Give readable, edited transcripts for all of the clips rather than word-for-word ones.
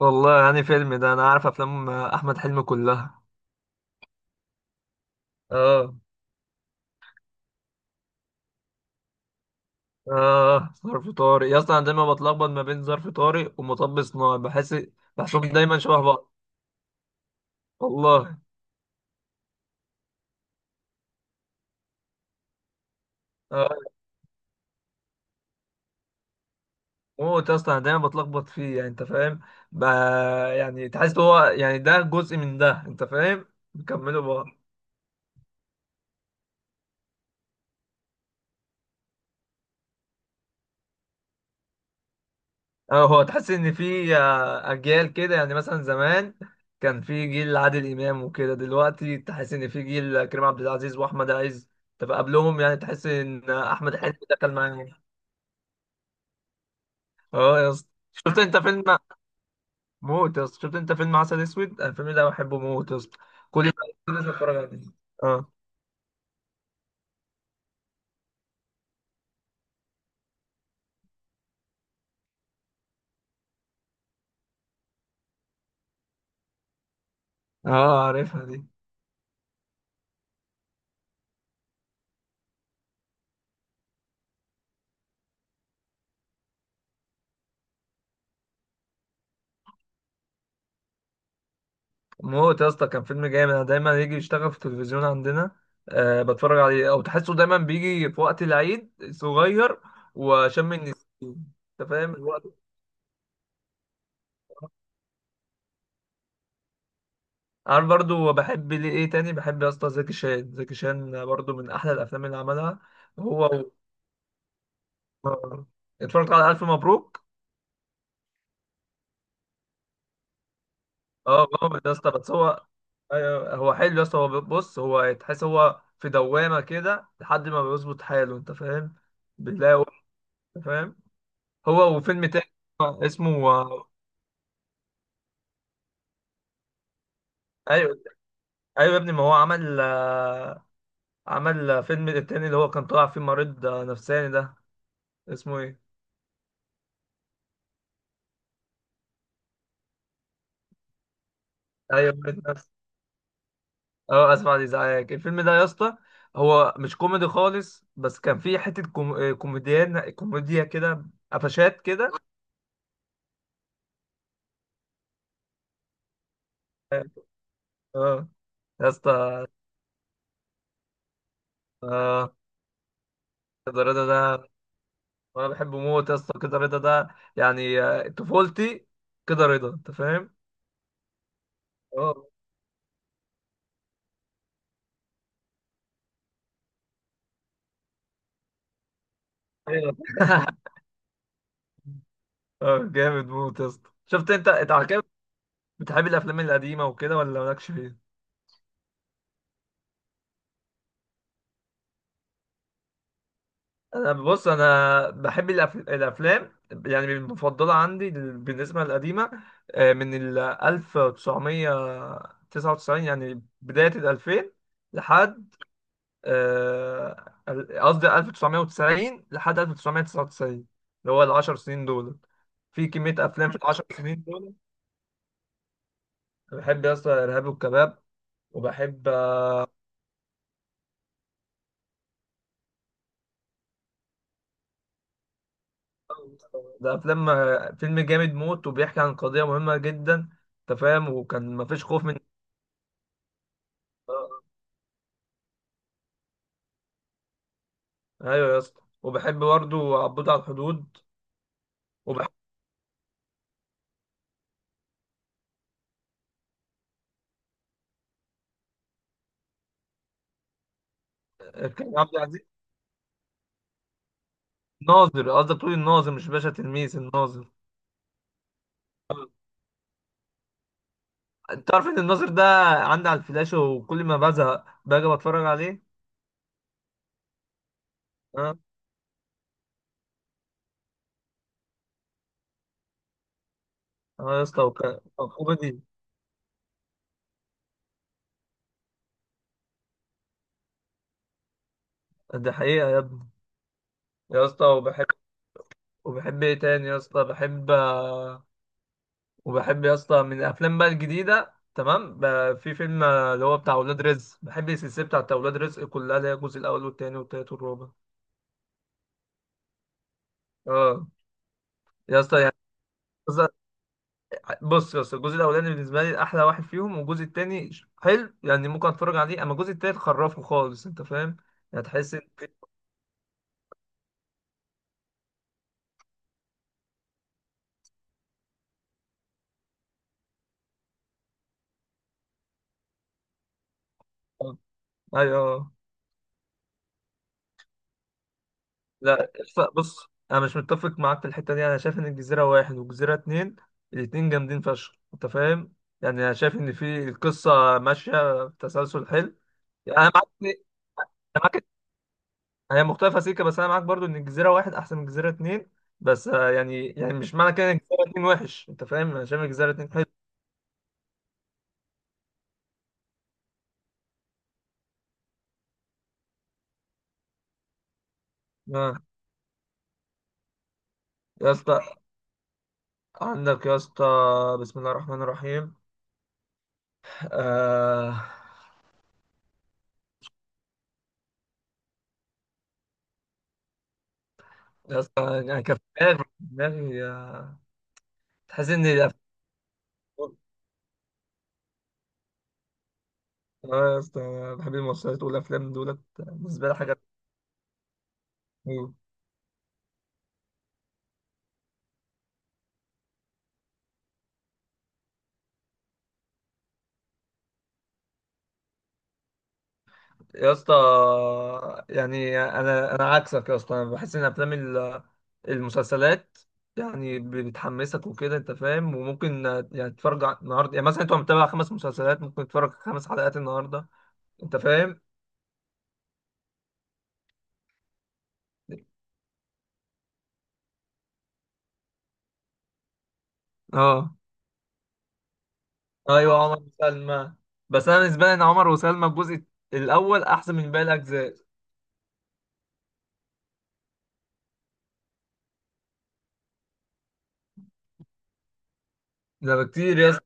والله يعني فيلم ده انا عارف افلام احمد حلمي كلها. اه. اه، ظرف طارق يا اسطى، انا دايما بتلخبط ما بين ظرف طارق ومطب صناعي. بحسهم دايما شبه بعض. والله. اه. موت يا اسطى، انا دايما بتلخبط فيه، يعني انت فاهم. ب... يعني تحس هو، يعني ده جزء من ده، انت فاهم. بيكملوا بعض. اه، هو تحس ان في اجيال كده، يعني مثلا زمان كان في جيل عادل امام وكده، دلوقتي تحس ان في جيل كريم عبد العزيز واحمد عز. طب قبلهم، يعني تحس ان احمد حلمي دخل معاهم. اه يا اسطى، شفت انت فيلم؟ موت يا اسطى، شفت انت فيلم عسل اسود؟ الفيلم ده بحبه موت يا اسطى. كل ما لازم اتفرج عليه. اه. اه، عارفها دي. موت يا اسطى، كان فيلم جامد. انا دايما يجي يشتغل في التلفزيون عندنا. أه، بتفرج عليه، او تحسه دايما بيجي في وقت العيد صغير وشم النسيم. انت فاهم الوقت. عارف برضو بحب ليه ايه تاني؟ بحب يا اسطى زكي شان. زكي شان برضو من احلى الافلام اللي عملها. هو و- آه. اتفرجت على الف مبروك. اه جامد يا اسطى، بس هو، ايوه هو حلو يا اسطى. هو، بص، هو تحس هو في دوامه كده لحد ما بيظبط حاله، انت فاهم. بتلاقي، انت فاهم، هو وفيلم تاني اسمه. ايوه. ايوه يا ابني، ما هو عمل عمل فيلم التاني، اللي هو كان طالع فيه مريض نفساني ده. اسمه ايه؟ ايوه، مريض نفسي. اه، اسف على الازعاج. الفيلم ده يا اسطى هو مش كوميدي خالص، بس كان فيه حتة كوميديا كده، قفشات كده. اه يا اسطى. آه، كده رضا ده انا بحبه موت يا اسطى. كده رضا ده، يعني طفولتي. كده رضا، انت فاهم؟ اه. ايوه اه جامد موت يا اسطى. شفت انت على كده بتحب الافلام القديمه وكده، ولا مالكش فيها؟ انا، بص، انا بحب الافلام، يعني المفضله عندي بالنسبه للقديمه، من ال 1999، يعني بدايه ال 2000 لحد، قصدي 1990 لحد 1999، اللي هو العشر سنين دول. في كميه افلام في العشر سنين دول. أنا بحب يا اسطى ارهاب والكباب، وبحب. ده فيلم، فيلم جامد موت، وبيحكي عن قضية مهمة جدا، انت فاهم. وكان مفيش خوف من. آه. ايوه يا اسطى، وبحب برضه عبود على الحدود. وبحب كريم عبد العزيز. ناظر، قصدك تقول الناظر، مش باشا تلميذ، الناظر. انت عارف ان الناظر ده عندي على الفلاش، وكل ما بزهق باجي بتفرج عليه. اه. اه يا اسطى، وكوميدي. ده حقيقة يا ابني. يا اسطى وبحب، وبحب ايه تاني يا اسطى، بحب، وبحب يا اسطى من الافلام بقى الجديده تمام، في فيلم اللي هو بتاع اولاد رزق. بحب السلسله بتاعت اولاد رزق كلها، اللي هي الجزء الاول والثاني والثالث والرابع. اه يا اسطى، يعني قصة- بص يا اسطى، الجزء الاولاني بالنسبه لي احلى واحد فيهم، والجزء الثاني حلو، يعني ممكن اتفرج عليه، اما الجزء الثالث خرفه خالص، انت فاهم. يعني تحس ان في- آه، ايوه. لا ف- بص، انا مش متفق معاك في الحته دي. انا شايف ان الجزيره واحد والجزيره اتنين، الاتنين جامدين فشخ، انت فاهم. يعني انا شايف ان في القصه ماشيه بتسلسل حلو. يعني انا معاك، معاك هي مختلفه سيكه، بس انا معاك برضو ان الجزيره واحد احسن من الجزيره اتنين. بس يعني، يعني مش معنى كده ان الجزيره اتنين وحش، انت فاهم، انا شايف الجزيره اتنين حلو. آه. يا اسطى عندك يا اسطى، بسم الله الرحمن الرحيم. آه. يا اسطى، يعني كان في دماغي، دماغي، آه، تحس ان اه. يا اسطى، انا بحب المسلسلات والافلام دولت بالنسبه لي حاجه. أيوة. يا اسطى يعني، انا عكسك يا اسطى. انا بحس ان افلام المسلسلات يعني بتحمسك وكده، انت فاهم، وممكن يعني النهارده، يعني مثلا انت متابع خمس مسلسلات، ممكن تتفرج خمس حلقات النهارده، انت فاهم. اه. ايوه، عمر وسلمى. بس انا بالنسبه لي ان عمر وسلمى الجزء الاول احسن من باقي الاجزاء ده بكتير يا اسطى.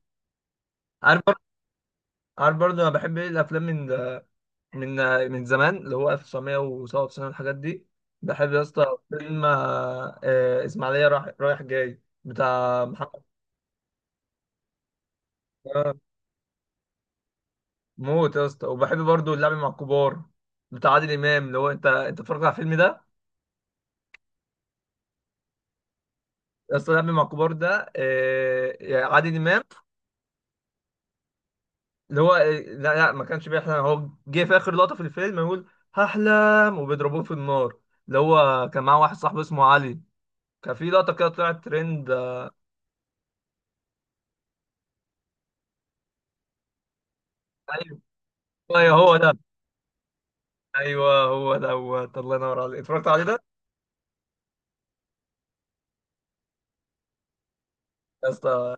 عارف بر- عارف برضه انا بحب ايه الافلام، من من زمان، اللي هو 1997 والحاجات دي. بحب يا اسطى فيلم، اسماعيليه رايح جاي بتاع محمد. آه، موت يا اسطى. وبحب برضو اللعب مع الكبار بتاع عادل امام. اللي هو، انت، اتفرجت على الفيلم ده؟ يا اسطى، اللعب مع الكبار ده يعني عادل امام، اللي هو لا لا، ما كانش بيحلم. هو جه في اخر لقطه في الفيلم يقول هحلم، وبيضربوه في النار. اللي هو كان معاه واحد صاحبه اسمه علي، كان في لقطه كده طلعت ترند ايوه هو ده. ايوه هو دوت. الله ينور عليك. اتفرجت عليه ده يا اسطى.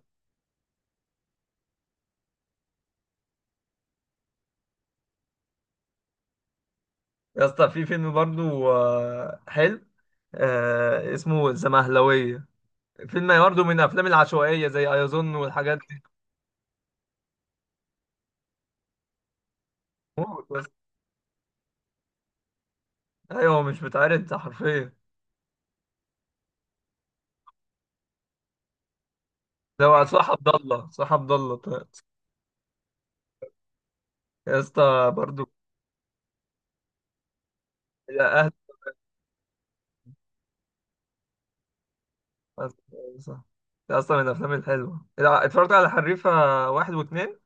يا اسطى، في فيلم برضه حلو، آه، اسمه الزمهلوية. فيلم برضه من الافلام العشوائية، زي ايظن والحاجات دي. موت. بس ايوه، هو مش بتعرض ده حرفيا. لو صح عبد الله، صح عبد الله، طيب. يا اسطى برضه. يا اهل، صح، ده اصلا من الافلام الحلوه. اتفرجت على حريفه واحد واثنين.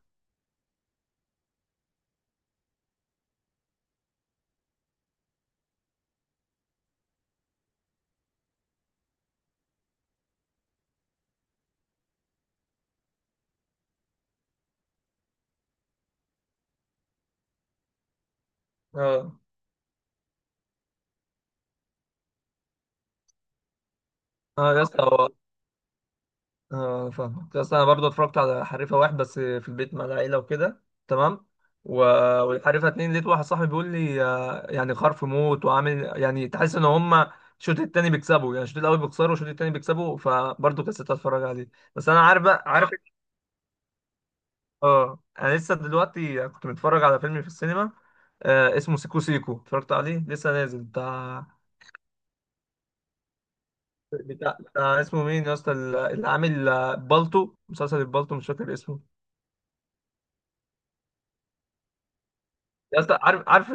اه. اه يا اسطى. اه فاهمك، بس انا برضو اتفرجت على حريفه واحد بس في البيت مع العيله وكده. تمام. و... والحريفه اتنين لقيت واحد صاحبي بيقول لي يعني خرف موت، وعامل يعني تحس ان هما الشوط التاني بيكسبوا، يعني الشوط الاول بيخسروا والشوط التاني بيكسبوا، فبرضه كسلت اتفرج عليه. بس انا عارف بقى، عارف. اه. اه، انا لسه دلوقتي كنت متفرج على فيلم في السينما، آه، اسمه سيكو سيكو. اتفرجت عليه لسه نازل بتاع. بتاع اسمه مين يا اسطى، اللي عامل بالطو، مسلسل البالطو، مش فاكر اسمه. يا اسطى، عارف، عارف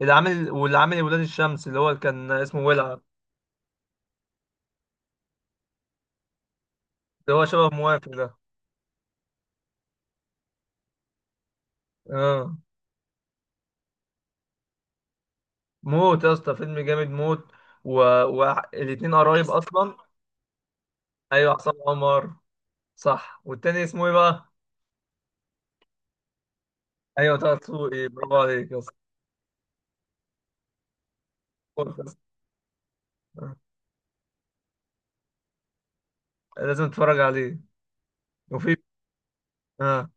اللي عامل، واللي عامل ولاد الشمس، اللي هو اللي كان اسمه ولع، اللي هو شبه موافق ده. اه، موت يا اسطى، فيلم جامد موت. و... والاتنين قرايب اصلا. ايوه، عصام عمر. صح، والتاني اسمه ايه بقى؟ ايوه طه دسوقي، برافو عليك يا اسطى. موت يا اسطى. آه. لازم تتفرج عليه. وفي. اه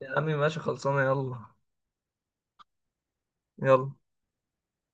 يا عمي، ماشي، خلصانه، يلا. يلا.